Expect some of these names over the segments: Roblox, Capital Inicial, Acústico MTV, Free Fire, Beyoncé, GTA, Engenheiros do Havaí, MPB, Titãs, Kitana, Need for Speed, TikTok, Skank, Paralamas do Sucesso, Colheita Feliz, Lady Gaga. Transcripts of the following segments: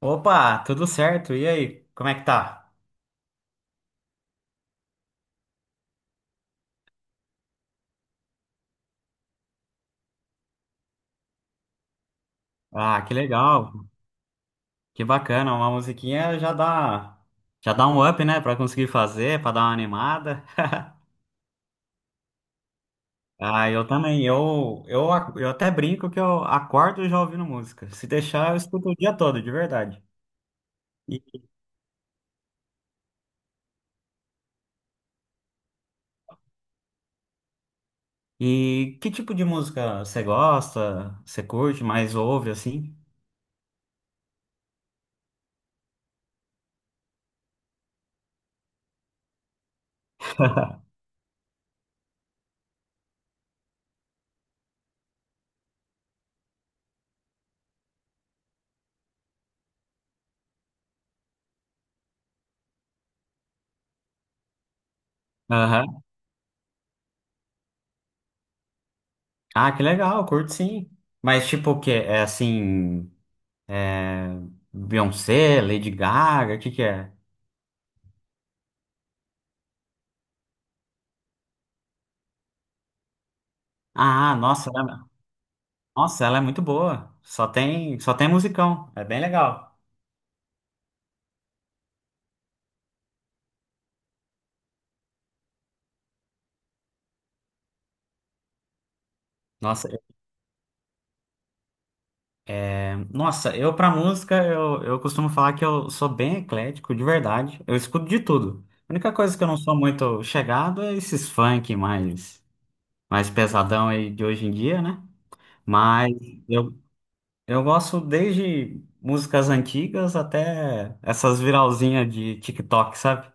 Opa, tudo certo? E aí, como é que tá? Ah, que legal, que bacana, uma musiquinha já dá um up, né? Pra conseguir fazer, pra dar uma animada. Ah, eu também, eu até brinco que eu acordo já ouvindo música. Se deixar, eu escuto o dia todo, de verdade. E, e que tipo de música você gosta, você curte, mais ouve, assim? Aham. Ah, que legal, curto sim. Mas tipo o quê? É assim, é... Beyoncé, Lady Gaga, o que que é? Ah, nossa, ela é muito boa. Só tem musicão. É bem legal. Nossa, é, nossa, eu pra música, eu costumo falar que eu sou bem eclético, de verdade. Eu escuto de tudo. A única coisa que eu não sou muito chegado é esses mais pesadão aí de hoje em dia, né? Mas eu, eu gosto desde músicas antigas até essas viralzinhas de TikTok, sabe?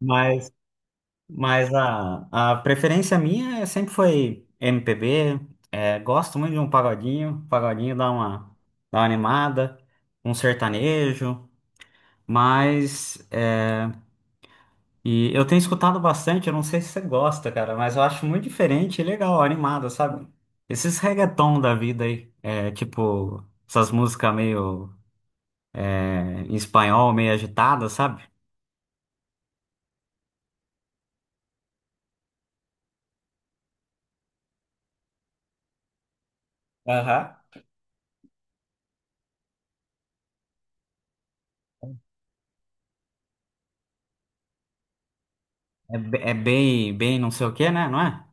Mas Mas a preferência minha sempre foi MPB. É, gosto muito de um pagodinho. Dá uma animada, um sertanejo. Mas é, e eu tenho escutado bastante, eu não sei se você gosta, cara, mas eu acho muito diferente e legal, animado, sabe? Esses reggaeton da vida aí, é, tipo essas músicas meio é, em espanhol, meio agitadas, sabe? Aham. É, é bem, bem não sei o quê, né? Não é?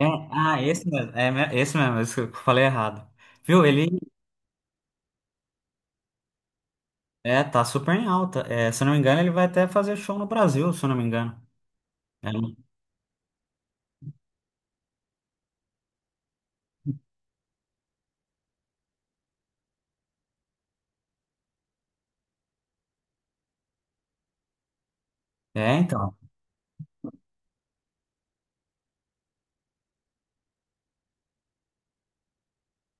É, ah, esse mesmo, é, esse mesmo, esse que eu falei errado. Viu? Tá super em alta. É, se eu não me engano, ele vai até fazer show no Brasil, se eu não me engano. É, então.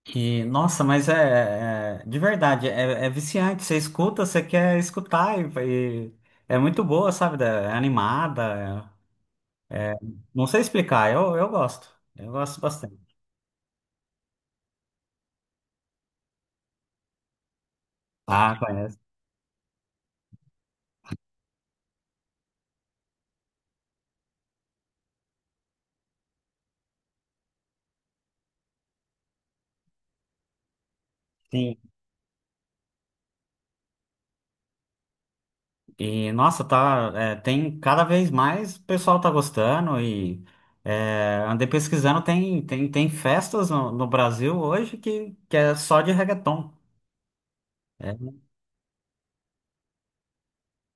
E, nossa, de verdade, é, é viciante. Você escuta, você quer escutar, e é muito boa, sabe? É animada. é- Não sei explicar, eu gosto. Eu gosto bastante. Ah, conhece. Sim. E, nossa, tá, é, tem cada vez mais o pessoal tá gostando e é, andei pesquisando, tem festas no Brasil hoje que é só de reggaeton. É,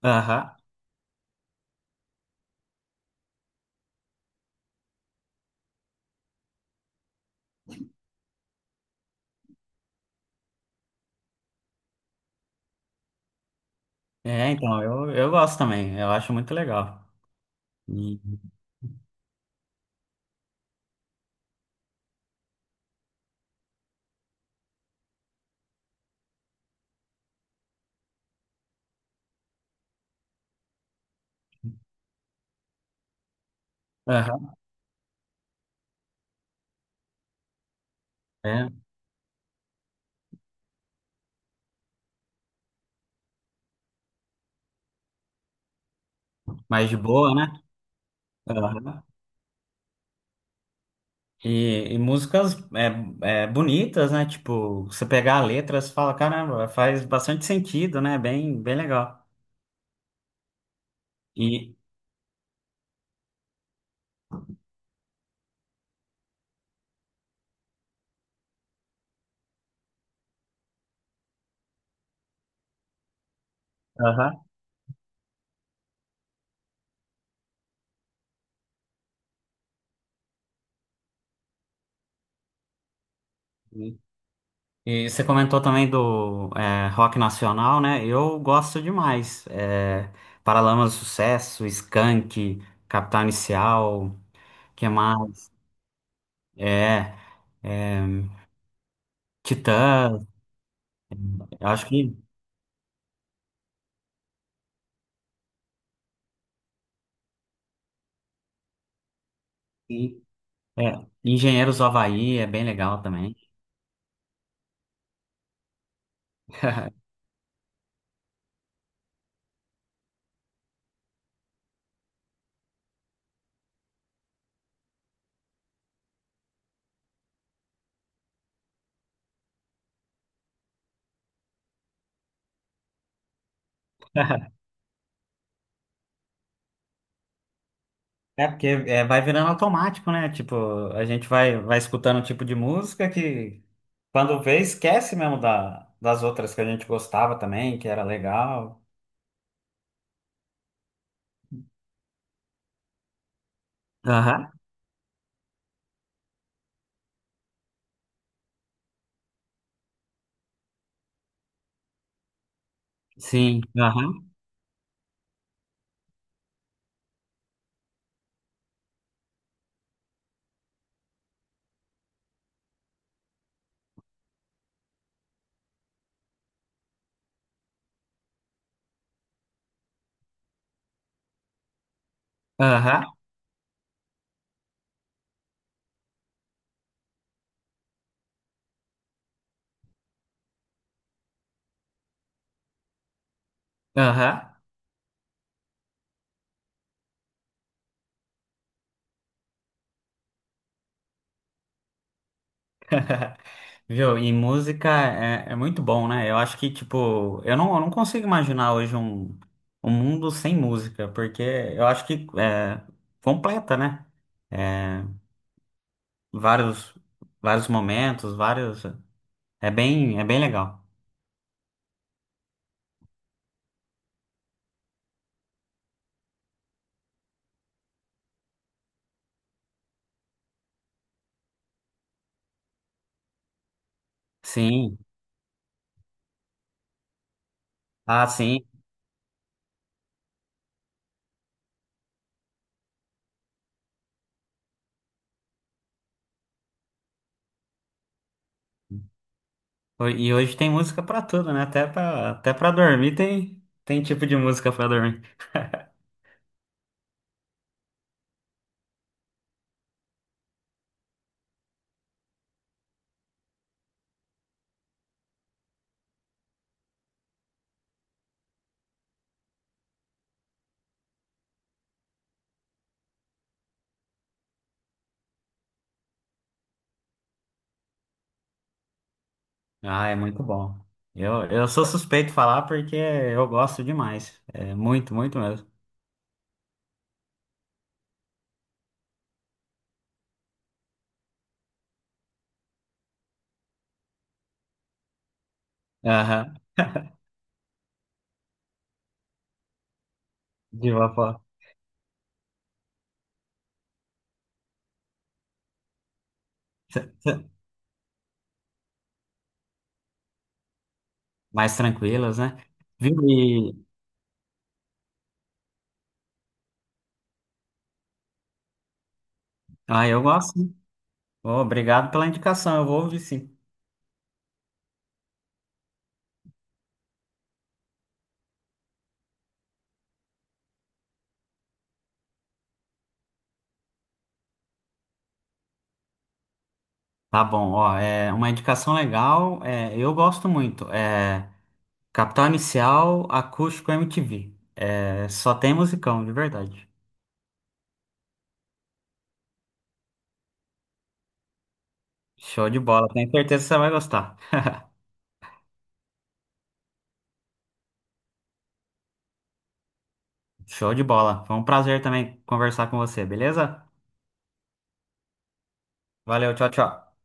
aham. É, então, eu gosto também, eu acho muito legal. E, aham, é, mais de boa, né? Aham. E músicas é, é, bonitas, né? Tipo, você pegar a letra, você fala, caramba, faz bastante sentido, né? Bem, bem legal. E, aham. E você comentou também do é, rock nacional, né? Eu gosto demais. É, Paralamas do Sucesso, Skank, Capital Inicial, que mais? É, é, Titãs, eu acho que e, é, Engenheiros do Havaí é bem legal também. É porque é, vai virando automático, né? Tipo, a gente vai escutando um tipo de música que quando vê esquece mesmo da, das outras que a gente gostava também, que era legal. Sim, aham, aham, aham. Viu? E música é, é muito bom, né? Eu acho que, tipo, eu não consigo imaginar hoje um, um mundo sem música, porque eu acho que é, completa, né? É, vários, vários momentos, vários. É bem legal. Sim, ah, sim. E hoje tem música pra tudo, né? Até pra dormir tem, tem tipo de música pra dormir. Ah, é muito bom. Eu sou suspeito de falar porque eu gosto demais. É muito, muito mesmo. Aham. De uma forma mais tranquilas, né? Viu? E... Ah, eu gosto. Sim. Ô, obrigado pela indicação, eu vou ouvir sim. Tá bom, ó, é uma indicação legal, é, eu gosto muito. É Capital Inicial, Acústico MTV. É, só tem musicão, de verdade. Show de bola, tenho certeza que você vai gostar. Show de bola. Foi um prazer também conversar com você, beleza? Valeu, tchau, tchau.